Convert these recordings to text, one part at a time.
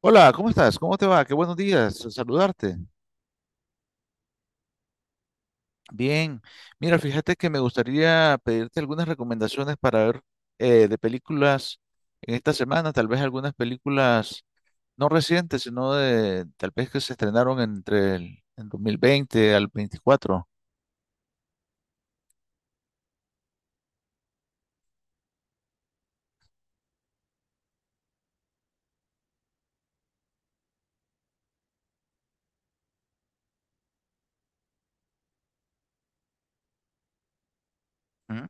Hola, ¿cómo estás? ¿Cómo te va? Qué buenos días, saludarte. Bien, mira, fíjate que me gustaría pedirte algunas recomendaciones para ver, de películas en esta semana, tal vez algunas películas no recientes, sino de tal vez que se estrenaron entre el 2020 al 24. ¿Mm?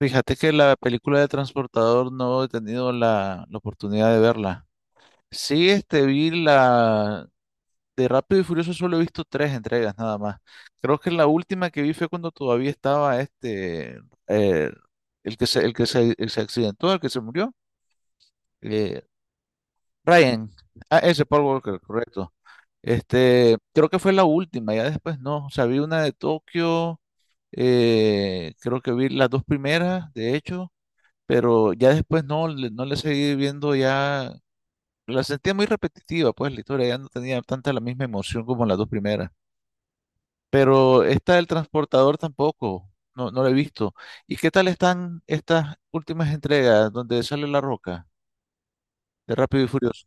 Fíjate que la película de Transportador no he tenido la oportunidad de verla. Sí, de Rápido y Furioso solo he visto tres entregas nada más. Creo que la última que vi fue cuando todavía estaba eh, el se accidentó, el que se murió, eh, Ryan. Ah, ese Paul Walker, correcto. Creo que fue la última, ya después no. O sea, vi una de Tokio, creo que vi las dos primeras, de hecho, pero ya después no, no le seguí viendo ya. La sentía muy repetitiva, pues la historia ya no tenía tanta la misma emoción como las dos primeras. Pero esta del transportador tampoco, no, no la he visto. ¿Y qué tal están estas últimas entregas donde sale La Roca de Rápido y Furioso?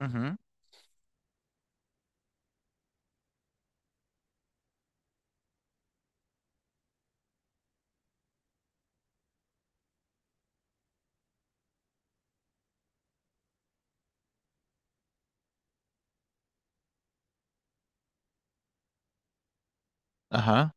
Ujú. Ajá.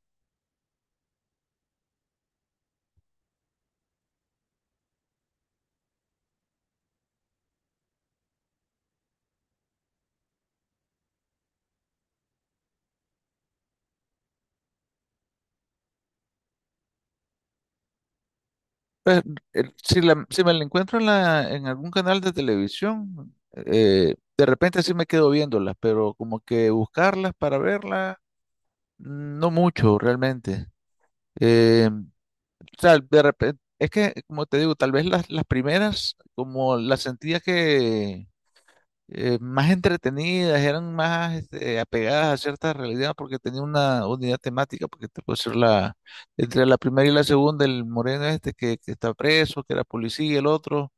Pues, si me la encuentro en, en algún canal de televisión, de repente sí me quedo viéndolas, pero como que buscarlas para verlas, no mucho realmente. O sea, de repente, es que, como te digo, tal vez las primeras, como las sentía que, más entretenidas, eran más apegadas a cierta realidad porque tenía una unidad temática, porque te puedo decir entre la primera y la segunda, el moreno este que está preso, que era policía, el otro,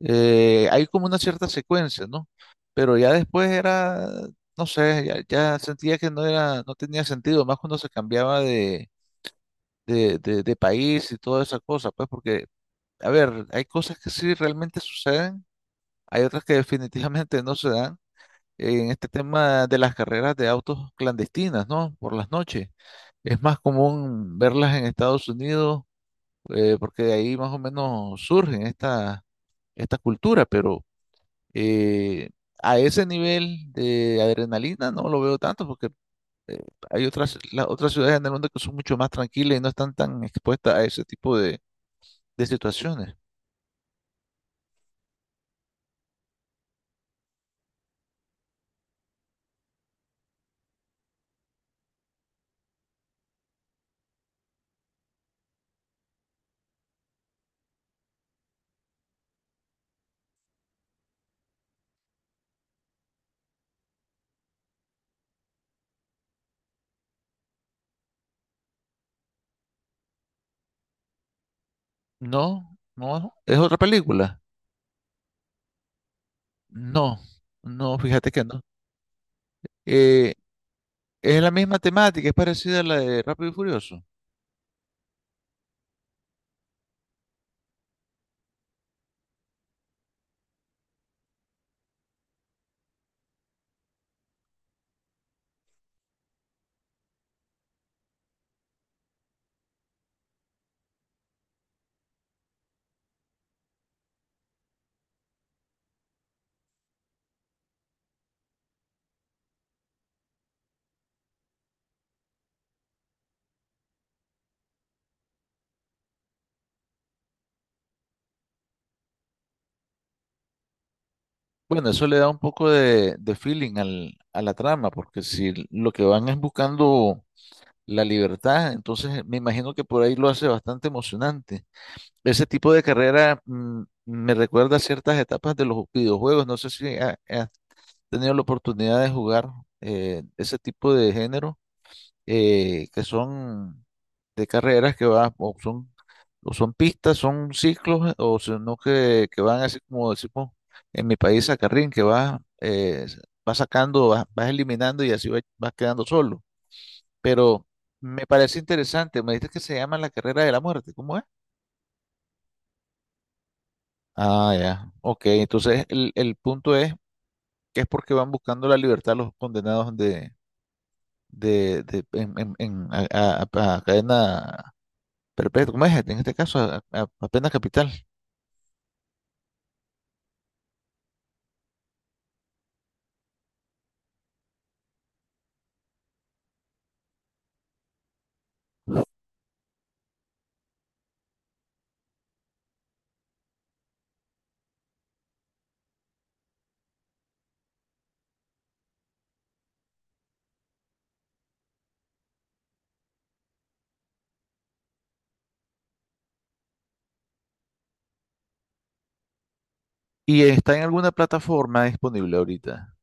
hay como una cierta secuencia, ¿no? Pero ya después era, no sé, ya sentía que no era, no tenía sentido, más cuando se cambiaba de, de país y toda esa cosa, pues porque, a ver, hay cosas que sí realmente suceden, hay otras que definitivamente no se dan en este tema de las carreras de autos clandestinas, ¿no? Por las noches. Es más común verlas en Estados Unidos, porque de ahí más o menos surge esta, esta cultura, pero, eh, a ese nivel de adrenalina no lo veo tanto, porque, eh, hay otras, las otras ciudades en el mundo que son mucho más tranquilas y no están tan expuestas a ese tipo de, situaciones. No, no, es otra película. No, no, fíjate que no. Eh, es la misma temática, es parecida a la de Rápido y Furioso. Bueno, eso le da un poco de, feeling a la trama, porque si lo que van es buscando la libertad, entonces, me imagino que por ahí lo hace bastante emocionante. Ese tipo de carrera, me recuerda a ciertas etapas de los videojuegos. No sé si has tenido la oportunidad de jugar, ese tipo de género, que son de carreras que van, o son, pistas, son ciclos, o sino que van así como decimos en mi país a carrín, que vas, vas sacando, vas eliminando, y así vas quedando solo. Pero me parece interesante, me dices que se llama La carrera de la muerte, ¿cómo es? Ah, ya. Ok, entonces el punto es que es porque van buscando la libertad los condenados de, de- en, en- en- a, a- a cadena. Perfecto, como es? En este caso, apenas Capital. ¿Y está en alguna plataforma disponible ahorita?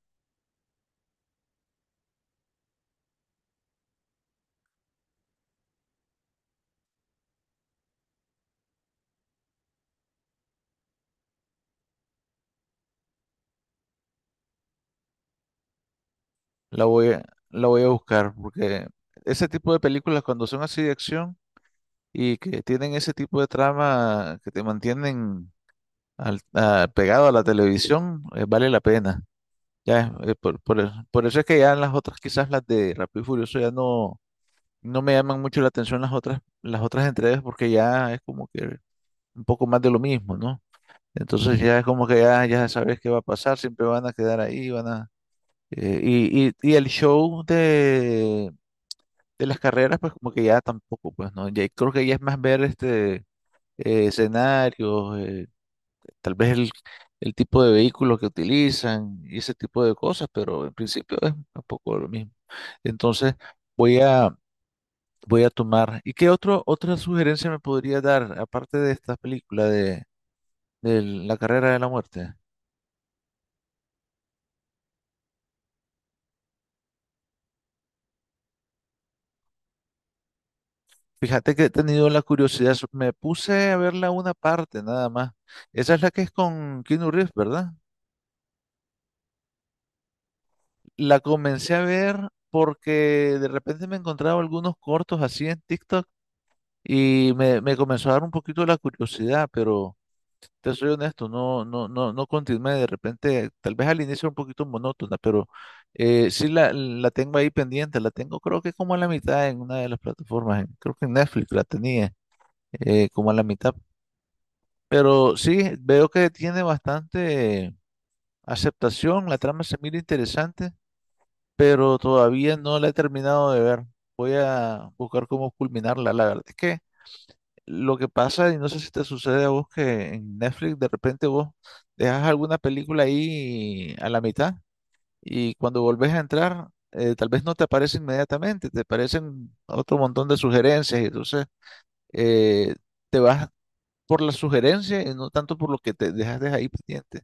La voy a, la voy a buscar porque ese tipo de películas, cuando son así de acción y que tienen ese tipo de trama que te mantienen, pegado a la televisión, vale la pena. Ya, por eso es que ya las otras, quizás las de Rápido y Furioso ya no, no me llaman mucho la atención, las otras entregas, porque ya es como que un poco más de lo mismo, ¿no? Entonces ya es como que ya, ya sabes qué va a pasar, siempre van a quedar ahí, van a... y el show de, las carreras, pues como que ya tampoco, pues, ¿no? Ya creo que ya es más ver escenarios, tal vez el tipo de vehículo que utilizan y ese tipo de cosas, pero en principio es un poco lo mismo. Entonces, voy a, voy a tomar... ¿Y qué otra sugerencia me podría dar, aparte de esta película de, La carrera de la muerte? Fíjate que he tenido la curiosidad, me puse a verla una parte nada más. Esa es la que es con Keanu Reeves, ¿verdad? La comencé a ver porque de repente me encontraba algunos cortos así en TikTok, y me comenzó a dar un poquito la curiosidad, pero te soy honesto, no, no, no, no continué. De repente, tal vez al inicio era un poquito monótona, pero, sí la tengo ahí pendiente, la tengo creo que como a la mitad en una de las plataformas, creo que en Netflix la tenía, como a la mitad. Pero sí, veo que tiene bastante aceptación, la trama se mira interesante, pero todavía no la he terminado de ver. Voy a buscar cómo culminarla. La verdad es que lo que pasa, y no sé si te sucede a vos, que en Netflix de repente vos dejas alguna película ahí a la mitad y cuando volvés a entrar, tal vez no te aparece inmediatamente, te aparecen otro montón de sugerencias, y entonces, eh, te vas por la sugerencia y no tanto por lo que te dejaste ahí pendiente.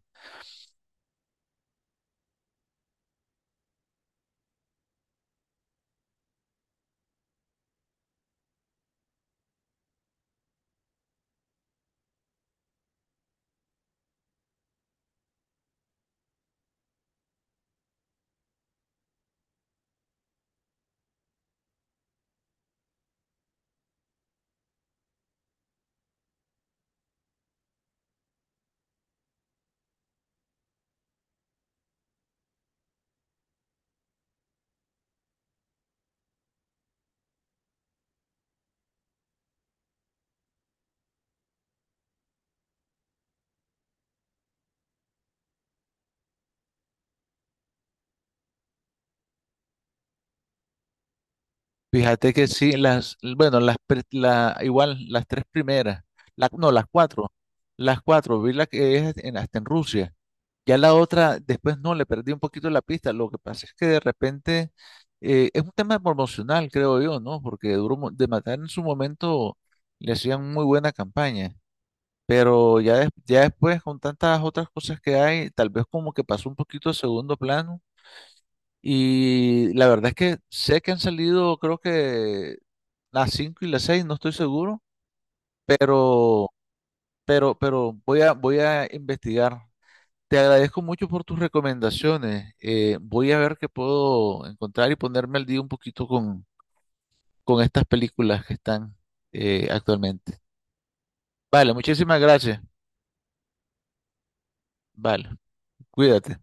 Fíjate que sí, bueno, igual las tres primeras, no, las cuatro, vi la que es hasta en Rusia. Ya la otra, después no, le perdí un poquito la pista. Lo que pasa es que de repente, es un tema promocional, creo yo, ¿no? Porque Duro de Matar, en su momento le hacían muy buena campaña, pero ya, ya después con tantas otras cosas que hay, tal vez como que pasó un poquito a segundo plano, y la verdad es que sé que han salido, creo que las 5 y las seis, no estoy seguro, pero, voy a, voy a investigar. Te agradezco mucho por tus recomendaciones. Voy a ver qué puedo encontrar y ponerme al día un poquito con, estas películas que están, actualmente. Vale, muchísimas gracias. Vale, cuídate.